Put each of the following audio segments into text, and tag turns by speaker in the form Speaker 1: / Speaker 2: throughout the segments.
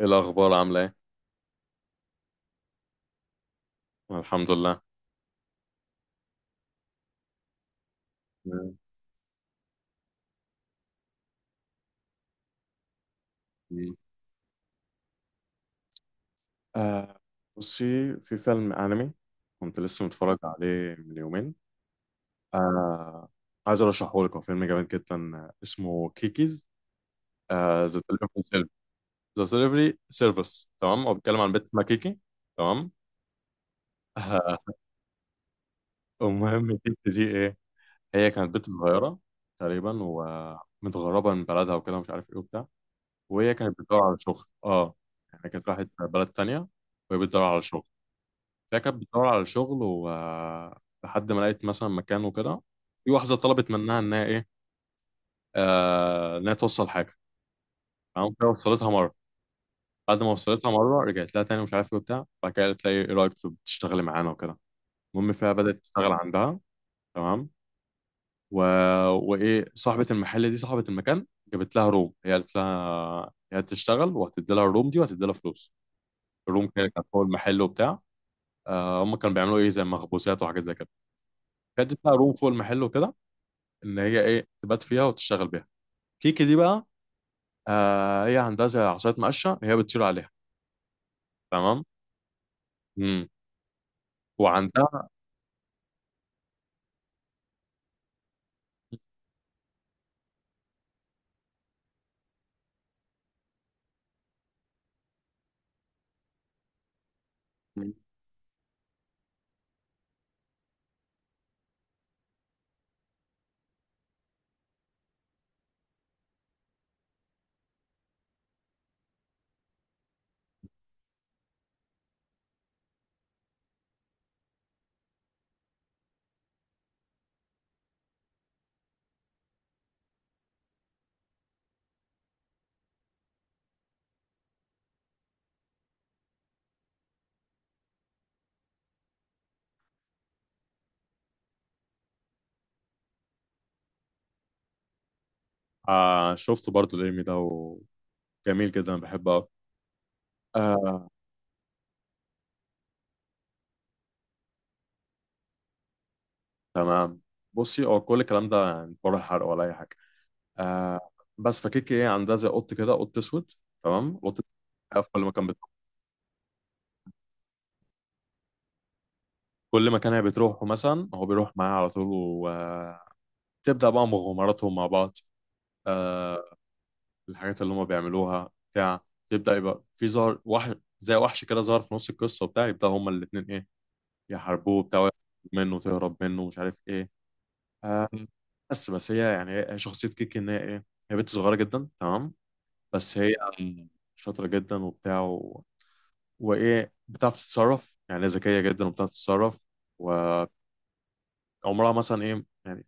Speaker 1: ايه الاخبار، عامله ايه؟ الحمد لله، تمام. آه، بصي، في فيلم انمي كنت لسه متفرج عليه من يومين. آه عايز ارشحه لك. هو فيلم جامد جدا، اسمه كيكيز ذا دليفري سيرفيس. تمام، هو بيتكلم عن بنت اسمها كيكي. تمام. آه، المهم كيكي دي ايه، هي كانت بنت صغيره تقريبا، ومتغربه من بلدها وكده، مش عارف ايه وبتاع. وهي كانت بتدور على شغل. اه يعني كانت راحت بلد تانية وهي بتدور على شغل. فهي كانت بتدور على شغل، لحد ما لقيت مثلا مكان وكده، في واحدة طلبت منها إنها إيه، إنها توصل حاجة. تمام، كده وصلتها مرة. بعد ما وصلتها مرة رجعت لها تاني مش عارف إيه وبتاع، بعد كده قالت لها إيه، إيه رأيك تشتغلي معانا وكده. المهم فيها بدأت تشتغل عندها. تمام. و... وإيه، صاحبة المحل دي، صاحبة المكان، جابت لها روم، هي قالت لها هي هتشتغل وهتدي لها الروم دي وهتدي لها فلوس. الروم كده كانت فوق المحل وبتاع. آه، هم كانوا بيعملوا إيه، زي مخبوزات وحاجات زي كده. فادت لها روم فوق المحل وكده، ان هي ايه، تبات فيها وتشتغل بيها. كيكي دي بقى، آه، هي عندها زي عصايه مقشه هي بتطير عليها. تمام. امم وعندها. آه، شفت برضو الانمي ده، وجميل جدا، أنا بحبه قوي. آه، تمام، بصي هو كل الكلام ده يعني بره حرق ولا اي حاجه؟ آه. بس فكيكي ايه، عندها زي قط كده، قط اسود. تمام، قط في كل مكان بتروح. كل مكان هي بتروحه مثلا هو بيروح معاها على طول، وتبدا بقى مغامراتهم مع بعض. آه، الحاجات اللي هم بيعملوها بتاع، تبدأ يبقى في ظهر وحش، زي وحش كده، ظهر في نص القصة وبتاع، يبدأ هما الاتنين ايه، يحاربوه بتاع ويهرب منه، تهرب منه مش عارف ايه. آه، بس هي يعني، هي شخصية كيكي ان هي ايه، هي بنت صغيرة جدا. تمام. بس هي شاطرة جدا وبتاع. وايه، بتعرف تتصرف، يعني ذكية جدا وبتعرف تتصرف. وعمرها مثلا ايه يعني.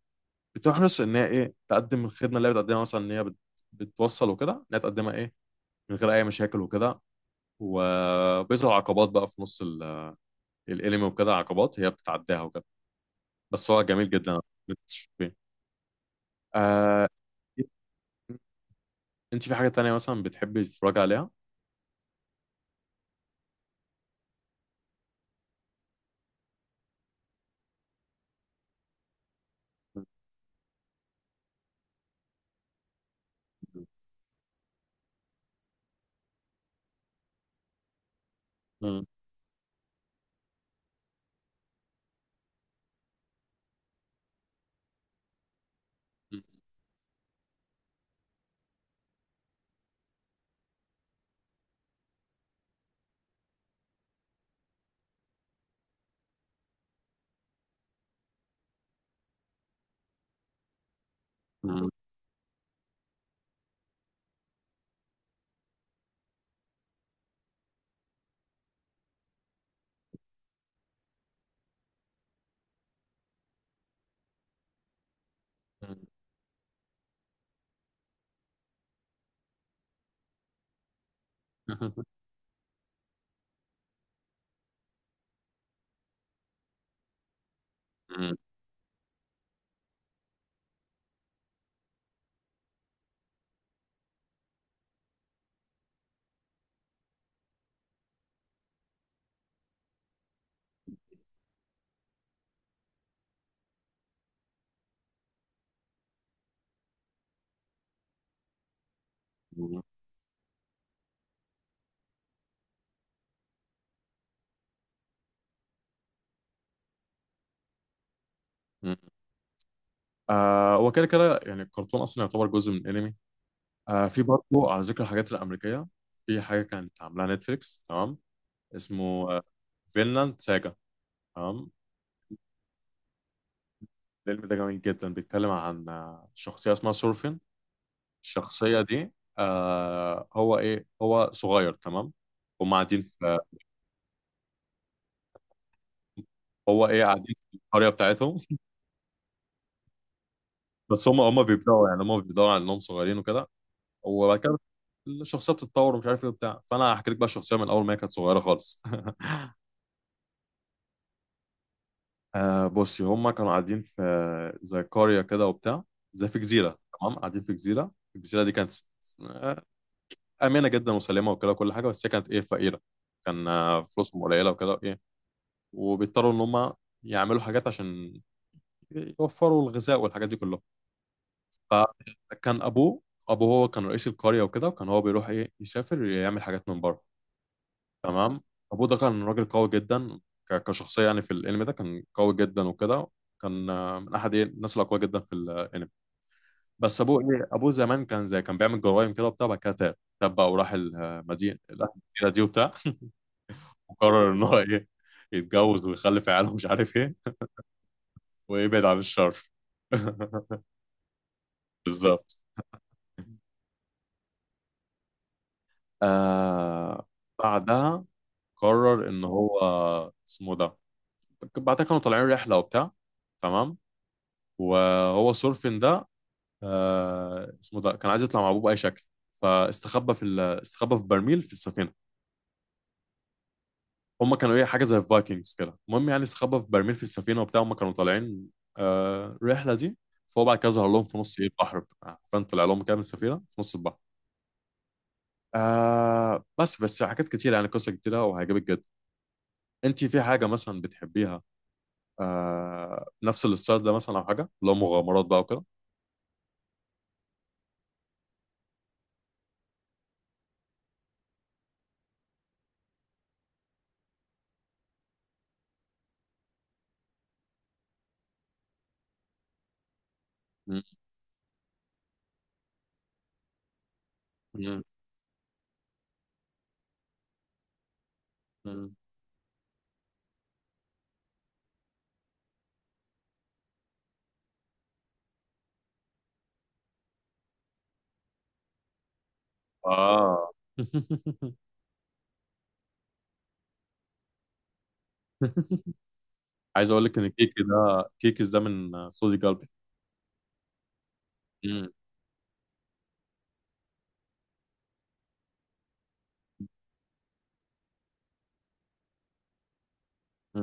Speaker 1: بتحرص ان هي ايه، تقدم الخدمة اللي هي بتقدمها مثلا، ان هي بتوصل وكده، ان هي تقدمها ايه، من غير اي مشاكل وكده. وبيظهر عقبات بقى في نص الانمي وكده، عقبات هي بتتعداها وكده. بس هو جميل جدا. آه. انت في حاجة تانية مثلا بتحبي تتفرجي عليها؟ آه، وكده كده يعني الكرتون اصلا يعتبر جزء من الانمي. آه، في برضه على ذكر الحاجات الامريكيه، في حاجه كانت عاملاها نتفليكس. تمام، اسمه فينلاند ساجا. تمام. الفيلم ده جميل جدا، بيتكلم عن شخصيه اسمها سورفين. الشخصية دي، آه، هو ايه، هو صغير. تمام، هم قاعدين في، هو ايه، قاعدين في القرية بتاعتهم. بس هم بيبدأوا يعني، هم بيبدأوا على انهم صغيرين وكده. وبعد كده الشخصية بتتطور ومش عارف ايه وبتاع. فانا هحكي لك بقى الشخصية من اول ما هي كانت صغيرة خالص. آه، بصي هم كانوا قاعدين في زي قرية كده وبتاع، زي في جزيرة. تمام، قاعدين في جزيرة، الجزيرة دي كانت آه، آمنة جدا وسليمة وكده وكل حاجة. بس هي كانت ايه، فقيرة. كان فلوسهم قليلة وكده، إيه، وبيضطروا ان هم يعملوا حاجات عشان يوفروا الغذاء والحاجات دي كلها. فكان ابوه، ابوه هو كان رئيس القرية وكده، وكان هو بيروح ايه، يسافر يعمل حاجات من بره. تمام. ابوه ده كان راجل قوي جدا، كشخصية يعني في الانمي ده كان قوي جدا وكده. كان من احد ايه الناس الاقوياء جدا في الانمي. بس ابوه ايه، ابوه زمان كان زي، كان بيعمل جرايم كده وبتاع. بعد كده تاب، تاب بقى وراح المدينة، المدينة دي وبتاع، وقرر ان هو ايه، يتجوز ويخلف عياله ومش عارف ايه، ويبعد عن الشر. بالظبط. آه، بعدها قرر ان هو اسمه ده. بعدها كانوا طالعين رحله وبتاع. تمام. وهو سورفين ده، اسمه ده كان عايز يطلع مع ابوه باي شكل، فاستخبى في ال- استخبى في برميل في السفينه. هم كانوا ايه، حاجه زي الفايكنجز كده. المهم يعني استخبى في برميل في السفينه وبتاع، هم كانوا طالعين الرحله دي. فهو بعد كده ظهر لهم في نص ايه، البحر. فانت طلع لهم كده من السفينه في نص البحر. آه، بس حاجات كتير يعني، قصه كتيره وهيعجبك جدا. انت في حاجه مثلا بتحبيها؟ آه، نفس الستايل ده مثلا، او حاجه اللي هو مغامرات بقى وكده. م، م، م. اه. عايز اقول لك ان كيكي ده، كيكيز ده من صودي قلبي. م، م.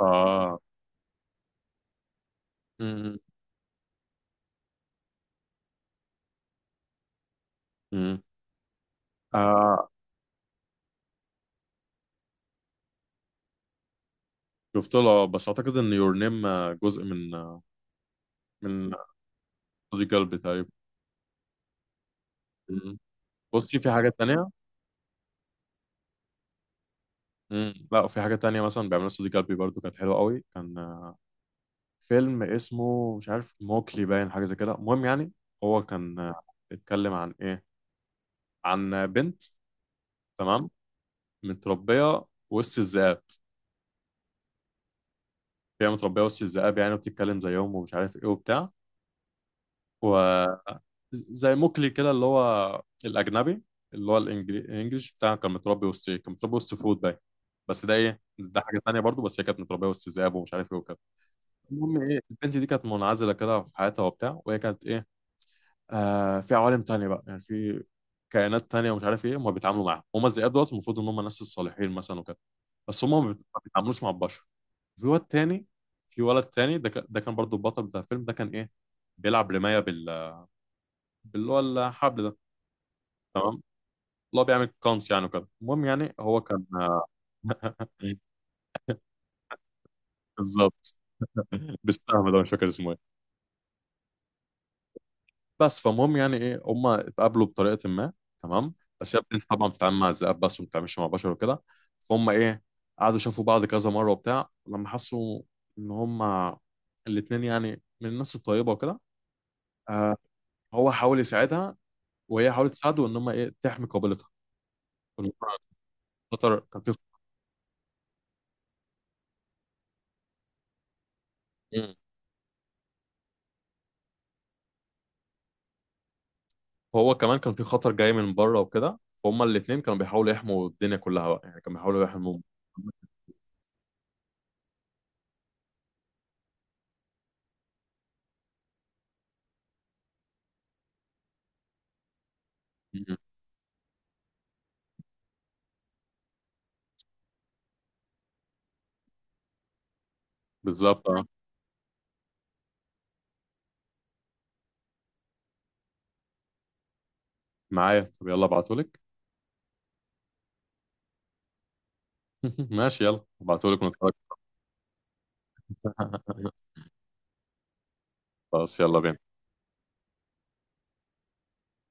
Speaker 1: اه. م، م. آه، شفت له، بس اعتقد ان يور نيم جزء من صودي قلبي تقريبا. م. بصي في حاجات تانية. م. لا، في حاجة تانية مثلا بيعملها صودي قلبي برضو كانت حلوة قوي. كان فيلم اسمه مش عارف، موكلي باين، حاجة زي كده. المهم يعني هو كان، اتكلم عن ايه، عن بنت. تمام، متربية وسط الذئاب. هي متربية وسط الذئاب يعني، وبتتكلم زيهم ومش عارف ايه وبتاع. وزي موكلي كده، اللي هو الأجنبي، اللي هو الإنجليش بتاع، كان متربي وسط ايه، كان متربي وسط فود باين. بس ده ايه، ده حاجة تانية برضو. بس هي كانت متربية وسط ذئاب ومش عارف ايه وكده. المهم ايه، البنت دي كانت منعزلة كده في حياتها وبتاع. وهي كانت ايه، في عوالم تانية بقى يعني، في كائنات تانية ومش عارف ايه، هم بيتعاملوا معاها. هم الذئاب دوت المفروض ان هم الناس الصالحين مثلا وكده. بس هم ما بيتعاملوش مع البشر. في واد تاني، في ولد تاني، ده كان برضو البطل بتاع الفيلم ده، كان ايه، بيلعب رماية باللي هو الحبل ده. تمام، اللي هو بيعمل كونس يعني وكده. المهم يعني هو كان. بالظبط. بالسهم ده مش فاكر اسمه. بس، فالمهم يعني ايه، هم اتقابلوا بطريقه ما. تمام. بس هي البنت طبعا بتتعامل مع الذئاب بس، وما بتتعاملش مع بشر وكده. فهم ايه، قعدوا شافوا بعض كذا مره وبتاع. لما حسوا ان هم الاثنين يعني من الناس الطيبه وكده، آه، هو حاول يساعدها وهي حاولت تساعده، ان هم ايه، تحمي قابلتها. والمرة خطر كان في. مم. هو كمان كان في خطر جاي من بره وكده، فهم الاثنين كانوا بيحاولوا يحموا الدنيا كلها بقى يعني، كانوا بيحاولوا يحموا. مم. بالظبط. آه. معايا، طب يلا ابعتهولك. ماشي، يلا ابعتهولك ونتفرج. خلاص، يلا بينا.